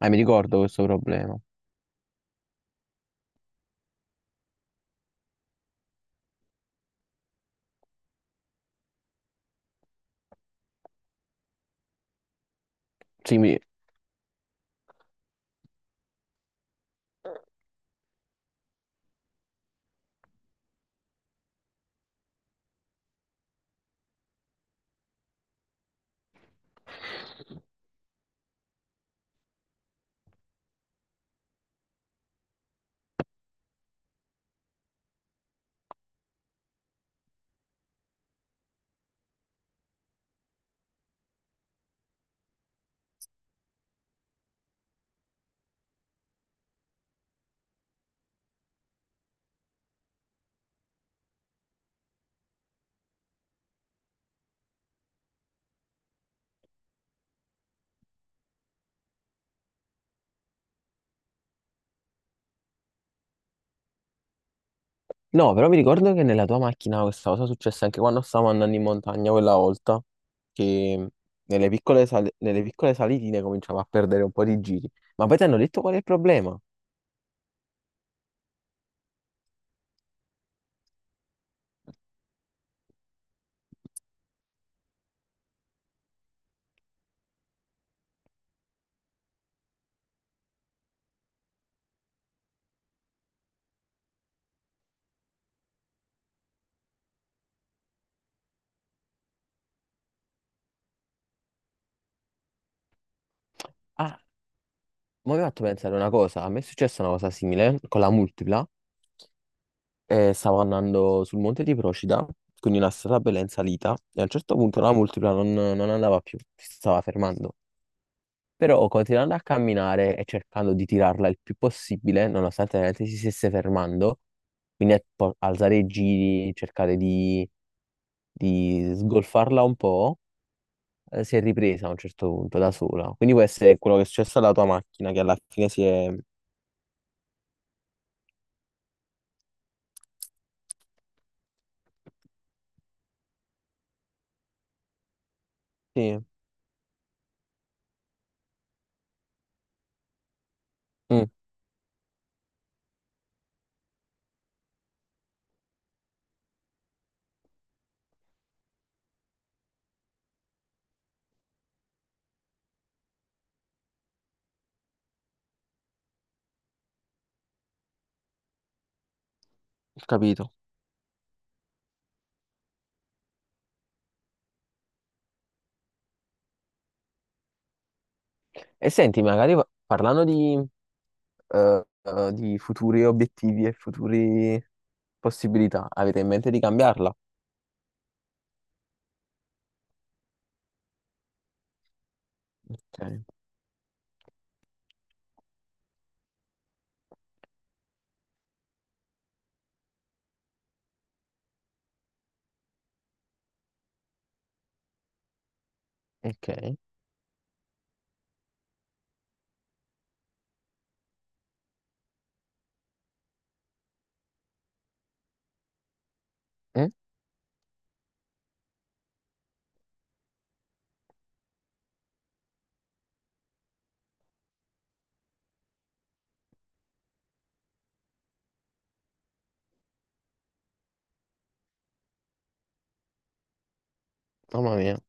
Ah, mi ricordo questo problema. Sì, mi- No, però mi ricordo che nella tua macchina questa cosa successe anche quando stavamo andando in montagna quella volta, che nelle piccole salitine cominciamo a perdere un po' di giri. Ma poi ti hanno detto qual è il problema? Ah, ma mi hai fatto pensare una cosa. A me è successa una cosa simile con la multipla. Stavo andando sul monte di Procida, quindi una strada bella in salita, e a un certo punto la multipla non andava più, si stava fermando. Però continuando a camminare e cercando di tirarla il più possibile, nonostante veramente si stesse fermando, quindi alzare i giri, di sgolfarla un po', si è ripresa a un certo punto da sola. Quindi questo è quello che è successo alla tua macchina, che alla fine si è... Sì, ho capito. E senti, parlando di futuri obiettivi e futuri possibilità, avete in mente di cambiarla? Ok. Ok. Mm? Mamma mia.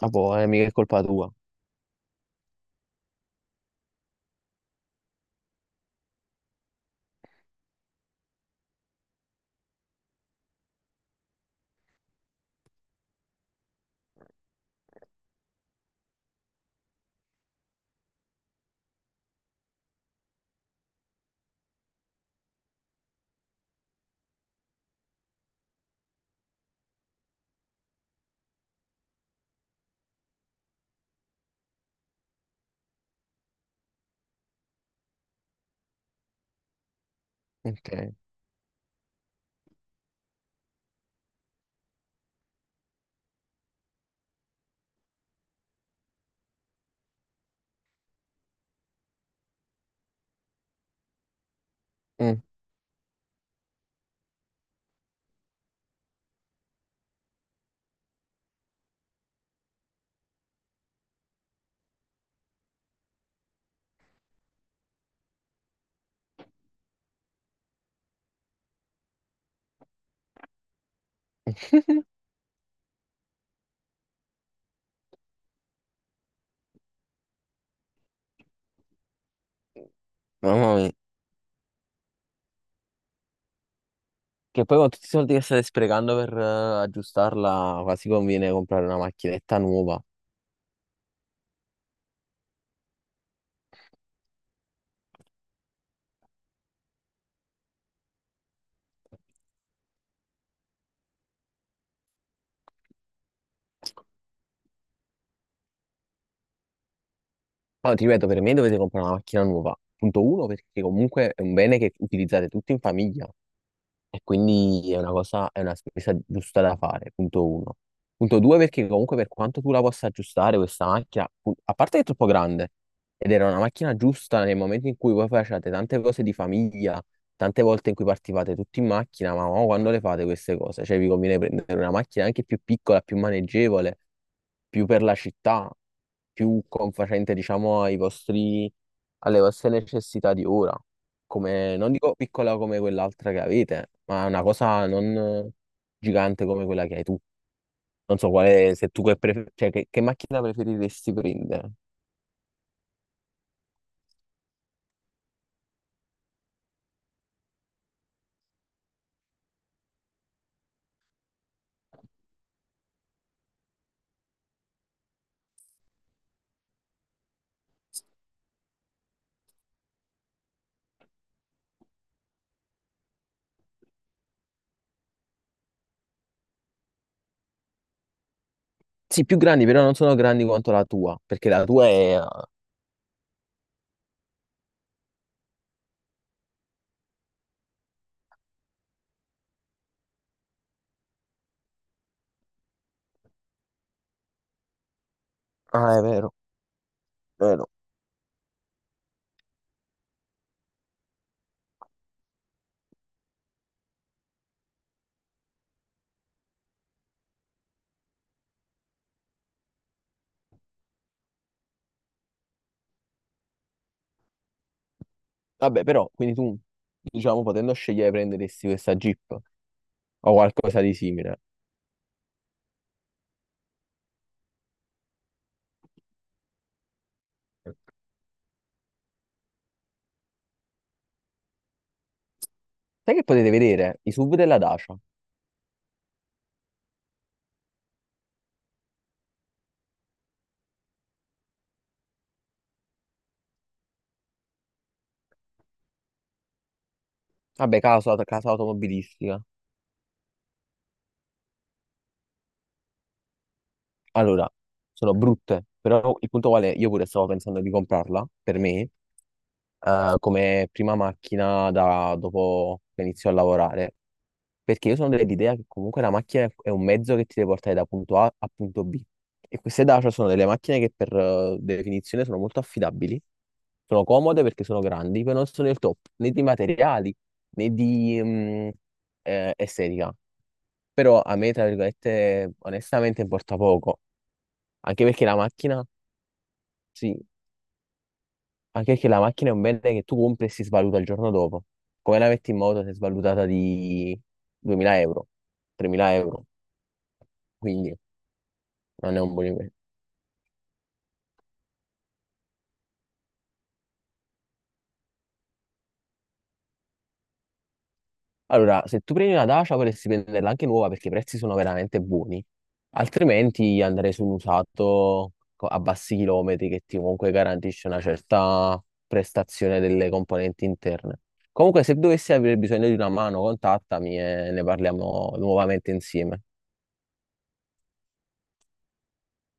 Ah, boh, mica è colpa tua. Ok. Mm. Mamma mia. Che poi con tutti i soldi che state sprecando per aggiustarla, quasi conviene comprare una macchinetta nuova. No, ti ripeto, per me dovete comprare una macchina nuova. Punto uno, perché comunque è un bene che utilizzate tutti in famiglia. E quindi è una spesa giusta da fare, punto uno. Punto due, perché comunque per quanto tu la possa aggiustare questa macchina, a parte che è troppo grande, ed era una macchina giusta nel momento in cui voi facevate tante cose di famiglia, tante volte in cui partivate tutti in macchina, ma mo quando le fate queste cose? Cioè vi conviene prendere una macchina anche più piccola, più maneggevole, più per la città, più confacente, diciamo, alle vostre necessità di ora come, non dico piccola come quell'altra che avete, ma una cosa non gigante come quella che hai tu. Non so quale, se tu che, pref- cioè, che macchina preferiresti prendere. Sì, più grandi, però non sono grandi quanto la tua, perché la tua è... Ah, è vero, è vero. Vabbè, però, quindi tu, diciamo, potendo scegliere, prenderesti questa Jeep o qualcosa di simile. Sai che potete vedere? I SUV della Dacia. Vabbè, casa automobilistica. Allora, sono brutte, però il punto qual è? Io pure stavo pensando di comprarla per me, come prima macchina da dopo che inizio a lavorare, perché io sono dell'idea che comunque la macchina è un mezzo che ti deve portare da punto A a punto B. E queste Dacia sono delle macchine che per definizione sono molto affidabili, sono comode perché sono grandi, però non sono il top né di materiali né di estetica. Però a me, tra virgolette, onestamente importa poco. Anche perché la macchina, sì, anche perché la macchina è un bene che tu compri e si svaluta il giorno dopo. Come la metti in moto si è svalutata di 2000 euro, 3000 euro, quindi non è un buon investimento. Allora, se tu prendi una Dacia vorresti prenderla anche nuova perché i prezzi sono veramente buoni, altrimenti andrei su un usato a bassi chilometri che ti comunque garantisce una certa prestazione delle componenti interne. Comunque, se dovessi avere bisogno di una mano, contattami e ne parliamo nuovamente insieme.